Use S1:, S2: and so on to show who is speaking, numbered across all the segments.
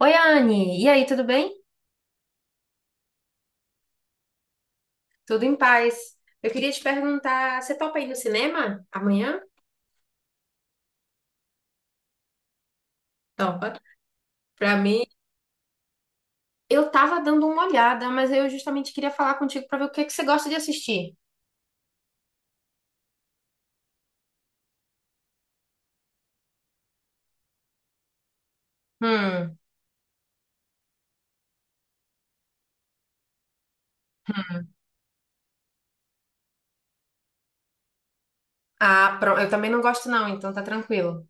S1: Oi, Anne. E aí, tudo bem? Tudo em paz. Eu queria te perguntar, você topa ir no cinema amanhã? Topa. Pra mim, eu tava dando uma olhada, mas eu justamente queria falar contigo pra ver o que que você gosta de assistir. Hum. Ah, pronto. Eu também não gosto não, então tá tranquilo.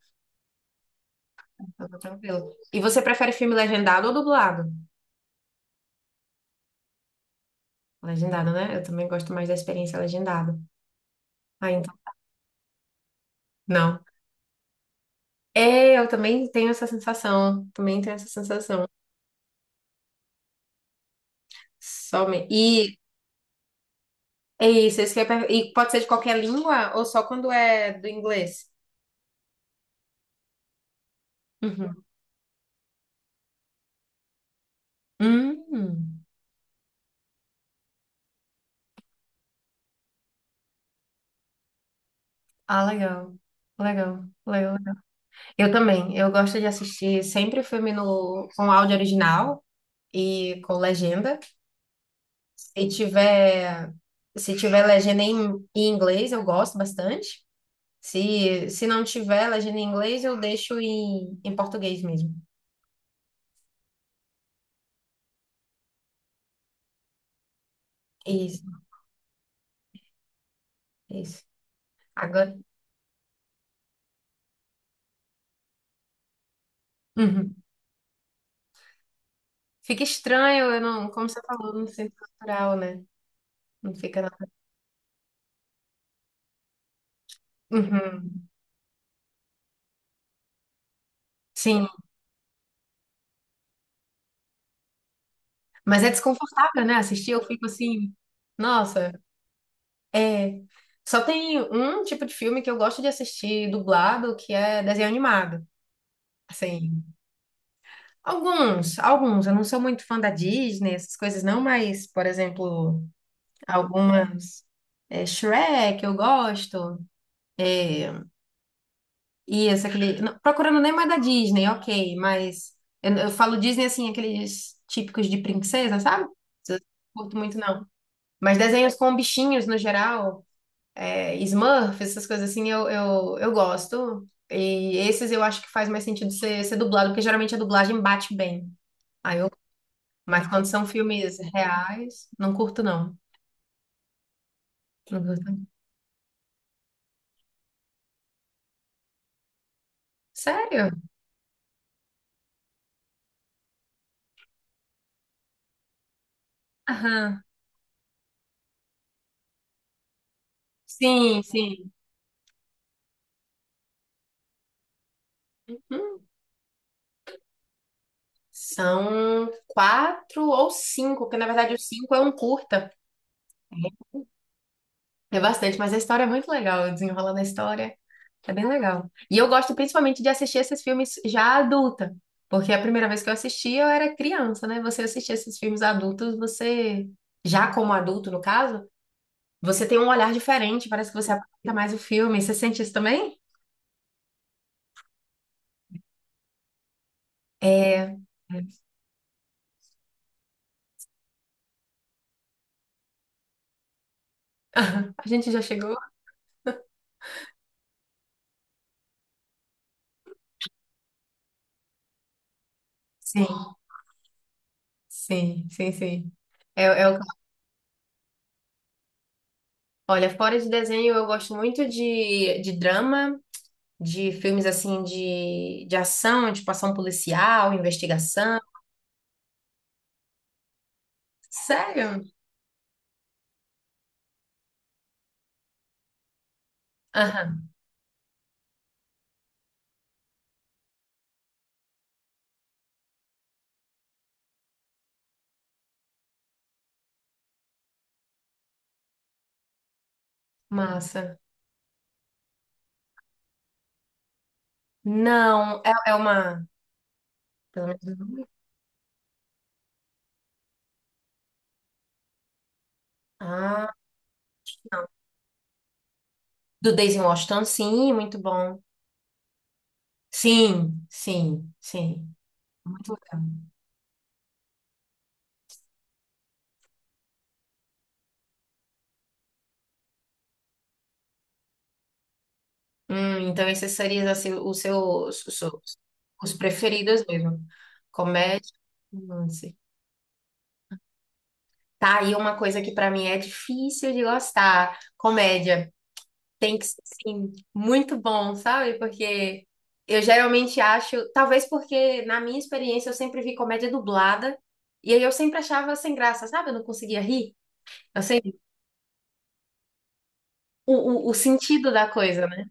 S1: Então tá tranquilo. E você prefere filme legendado ou dublado? Legendado, né? Eu também gosto mais da experiência legendada. Ah, então. Não. É, eu também tenho essa sensação. Também tenho essa sensação. Somente. É isso, isso que eu ia per- e pode ser de qualquer língua ou só quando é do inglês? Uhum. Hum. Ah, legal. Legal, legal, legal. Eu também. Eu gosto de assistir sempre filme no, com áudio original e com legenda. E tiver, Se tiver legenda em inglês, eu gosto bastante. Se não tiver legenda em inglês, eu deixo em português mesmo. Isso, isso. Agora, Uhum. Fica estranho, eu não, como você falou, não sinto natural, né? Não fica nada. Uhum. Sim, mas é desconfortável, né? Assistir, eu fico assim, nossa, é. Só tem um tipo de filme que eu gosto de assistir dublado, que é desenho animado. Assim, alguns. Eu não sou muito fã da Disney, essas coisas não, mas, por exemplo, algumas. É, Shrek, eu gosto. É, e esse aquele. Não, procurando nem mais da Disney, ok, mas eu falo Disney assim, aqueles típicos de princesa, sabe? Eu Não curto muito, não. Mas desenhos com bichinhos no geral, é, Smurf, essas coisas assim, eu gosto. E esses eu acho que faz mais sentido ser, ser dublado, porque geralmente a dublagem bate bem. Aí eu, mas quando são filmes reais, não curto, não. Não curto. Sério? Aham. Sim, sim. Uhum. São quatro ou cinco, porque na verdade o cinco é um curta. É bastante, mas a história é muito legal, o desenrolar da história é bem legal. E eu gosto principalmente de assistir esses filmes já adulta, porque a primeira vez que eu assisti eu era criança, né? Você assistir esses filmes adultos, você, já como adulto no caso, você tem um olhar diferente, parece que você aproveita mais o filme. Você sente isso também? É, a gente já chegou? Sim, sim, sim, sim. É, é o- Olha, fora de desenho eu gosto muito de drama. De filmes assim de ação, tipo ação policial, investigação. Sério? Aham, massa. Não, é uma. Pelo menos o nome? Ah, não. Do Daisy Washington, sim, muito bom. Sim, sim, sim. Muito legal. Então esses seriam assim, os preferidos mesmo. Comédia, romance. Tá aí uma coisa que pra mim é difícil de gostar. Comédia. Tem que, ser, sim, muito bom, sabe? Porque eu geralmente acho, talvez porque na minha experiência eu sempre vi comédia dublada e aí eu sempre achava sem graça, sabe? Eu não conseguia rir. Eu sempre, o, o sentido da coisa, né?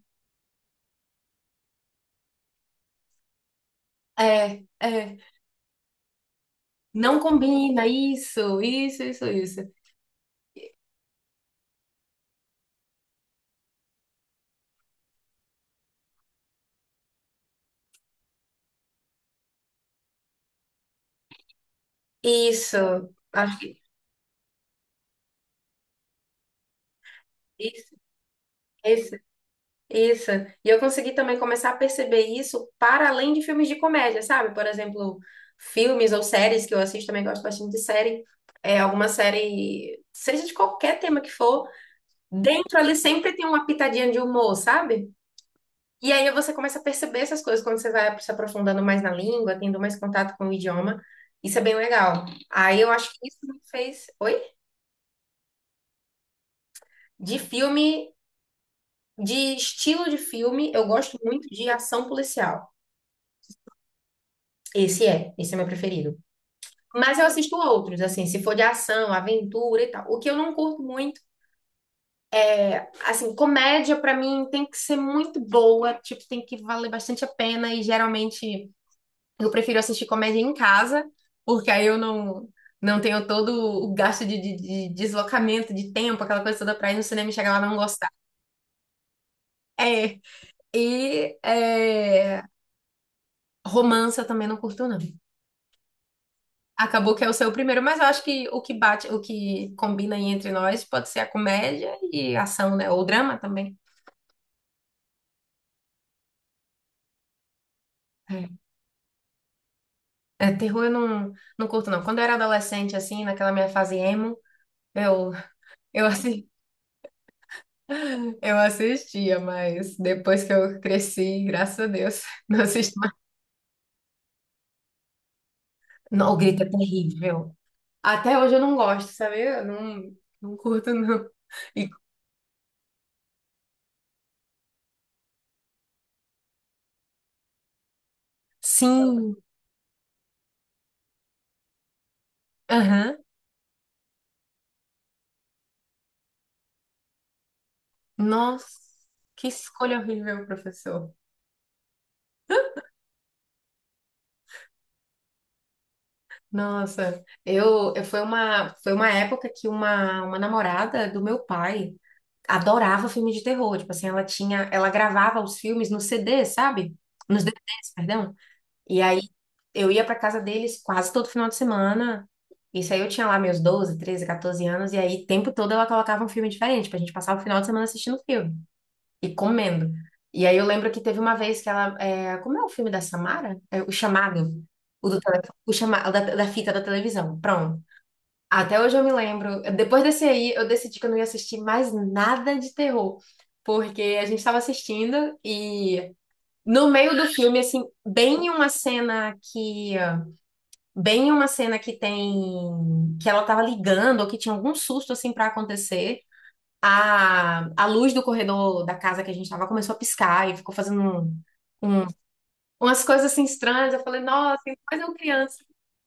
S1: É, é, não combina isso, isso, isso, isso. Isso, acho que isso, esse. Isso. E eu consegui também começar a perceber isso para além de filmes de comédia, sabe? Por exemplo, filmes ou séries que eu assisto, também gosto bastante de série. É alguma série, seja de qualquer tema que for, dentro ali sempre tem uma pitadinha de humor, sabe? E aí você começa a perceber essas coisas quando você vai se aprofundando mais na língua, tendo mais contato com o idioma. Isso é bem legal. Aí eu acho que isso me fez. Oi? De filme, de estilo de filme, eu gosto muito de ação policial. Esse é meu preferido. Mas eu assisto outros, assim, se for de ação, aventura e tal. O que eu não curto muito é, assim, comédia pra mim tem que ser muito boa, tipo, tem que valer bastante a pena e geralmente eu prefiro assistir comédia em casa, porque aí eu não tenho todo o gasto de deslocamento, de tempo, aquela coisa toda pra ir no cinema e chegar lá e não gostar. É, e é, romance eu também não curto, não. Acabou que é o seu primeiro, mas eu acho que o que bate, o que combina aí entre nós pode ser a comédia e a ação, né? Ou drama também. É, Terror eu não, não curto, não. Quando eu era adolescente, assim, naquela minha fase emo, eu, eu, assi- eu assistia, mas depois que eu cresci, graças a Deus, não assisto mais. Não, o grito é terrível. Até hoje eu não gosto, sabe? Eu não curto, não. E, sim, aham. Nossa, que escolha horrível, professor. Nossa, eu foi uma época que uma namorada do meu pai adorava filme de terror. Tipo assim, ela gravava os filmes no CD, sabe? Nos DVDs, perdão. E aí eu ia pra casa deles quase todo final de semana. Isso aí eu tinha lá meus 12, 13, 14 anos, e aí o tempo todo ela colocava um filme diferente, pra gente passar o final de semana assistindo filme e comendo. E aí eu lembro que teve uma vez que ela. É, como é o filme da Samara? É, o chamado. O chamado da fita da televisão. Pronto. Até hoje eu me lembro. Depois desse aí, eu decidi que eu não ia assistir mais nada de terror. Porque a gente estava assistindo e no meio do filme, assim, bem em uma cena que. Bem em uma cena que tem. Que ela tava ligando, ou que tinha algum susto, assim, pra acontecer a luz do corredor da casa que a gente estava começou a piscar e ficou fazendo um- umas coisas assim estranhas. Eu falei, nossa, mas eu criança.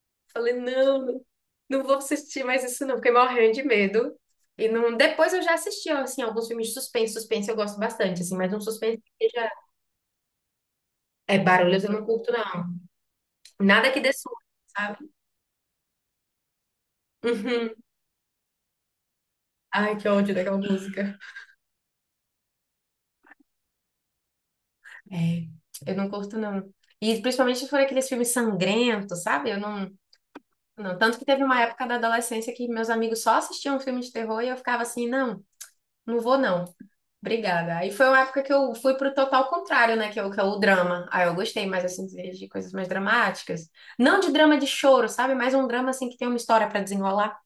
S1: Eu falei, não, não vou assistir mais isso não. Fiquei morrendo de medo. E não, depois eu já assisti, assim, alguns filmes de suspense. Suspense eu gosto bastante, assim, mas um suspense que já é barulhos eu não curto, não. Nada que dê susto, sabe? Uhum. Ai, que ódio daquela música. É, eu não curto, não. E principalmente se for aqueles filmes sangrentos, sabe? Eu não. Não, tanto que teve uma época da adolescência que meus amigos só assistiam filme de terror e eu ficava assim, não, não vou não. Obrigada. Aí foi uma época que eu fui pro total contrário, né? Que é o drama. Aí eu gostei mais, assim, de coisas mais dramáticas. Não de drama de choro, sabe? Mas um drama, assim, que tem uma história pra desenrolar.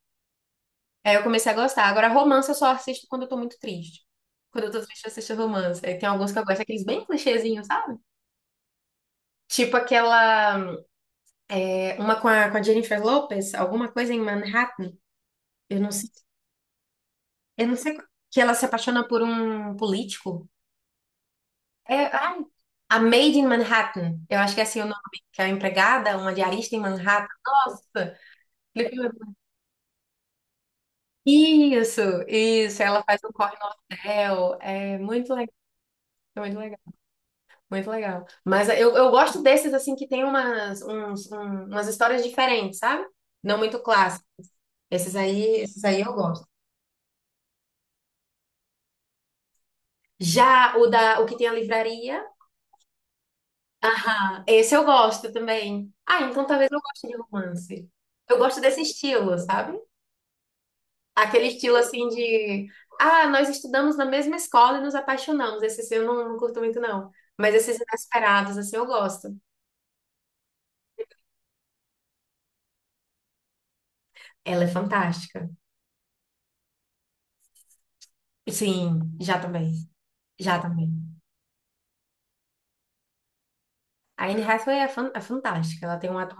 S1: Aí eu comecei a gostar. Agora, romance eu só assisto quando eu tô muito triste. Quando eu tô triste, eu assisto romance. Aí tem alguns que eu gosto, aqueles bem clichêzinhos, sabe? Tipo aquela... uma com a Jennifer Lopez, alguma coisa em Manhattan. Eu não sei. Eu não sei. Que ela se apaixona por um político. É, ai, a Maid in Manhattan. Eu acho que é assim o nome. Que é uma empregada, uma diarista em Manhattan. Nossa! Aquele filme é muito- Isso, isso. Ela faz um corre no hotel. É muito legal. Muito legal, muito legal. Mas eu gosto desses, assim, que tem umas histórias diferentes, sabe? Não muito clássicos. Esses aí eu gosto. Já o que tem a livraria, aham, esse eu gosto também. Ah, então talvez eu goste de romance. Eu gosto desse estilo, sabe? Aquele estilo assim de, nós estudamos na mesma escola e nos apaixonamos. Esse assim, eu não curto muito, não. Mas esses inesperados, assim, eu gosto. Ela é fantástica. Sim, já também. Já também. A Anne Hathaway é fantástica. Ela tem um ator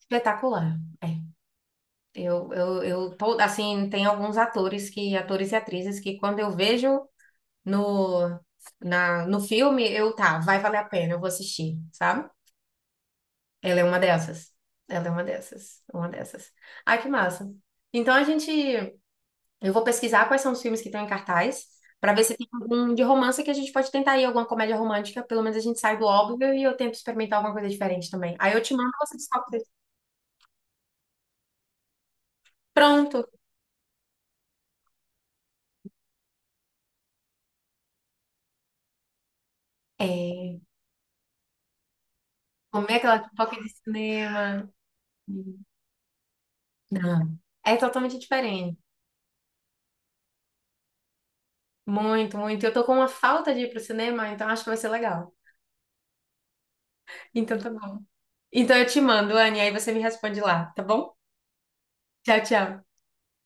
S1: espetacular. É. Eu tô, assim, tem alguns atores e atrizes que quando eu vejo no, no filme, tá, vai valer a pena, eu vou assistir, sabe? Ela é uma dessas. Ela é uma dessas. Uma dessas. Ai, que massa. Então a gente. Eu vou pesquisar quais são os filmes que estão em cartaz, pra ver se tem algum de romance que a gente pode tentar aí, alguma comédia romântica. Pelo menos a gente sai do óbvio e eu tento experimentar alguma coisa diferente também. Aí eu te mando você descobre. Pronto. É. Comer aquela pipoca de cinema. Não. É totalmente diferente. Muito, muito. Eu tô com uma falta de ir pro cinema, então acho que vai ser legal. Então tá bom. Então eu te mando, Anne, aí você me responde lá, tá bom? Tchau, tchau.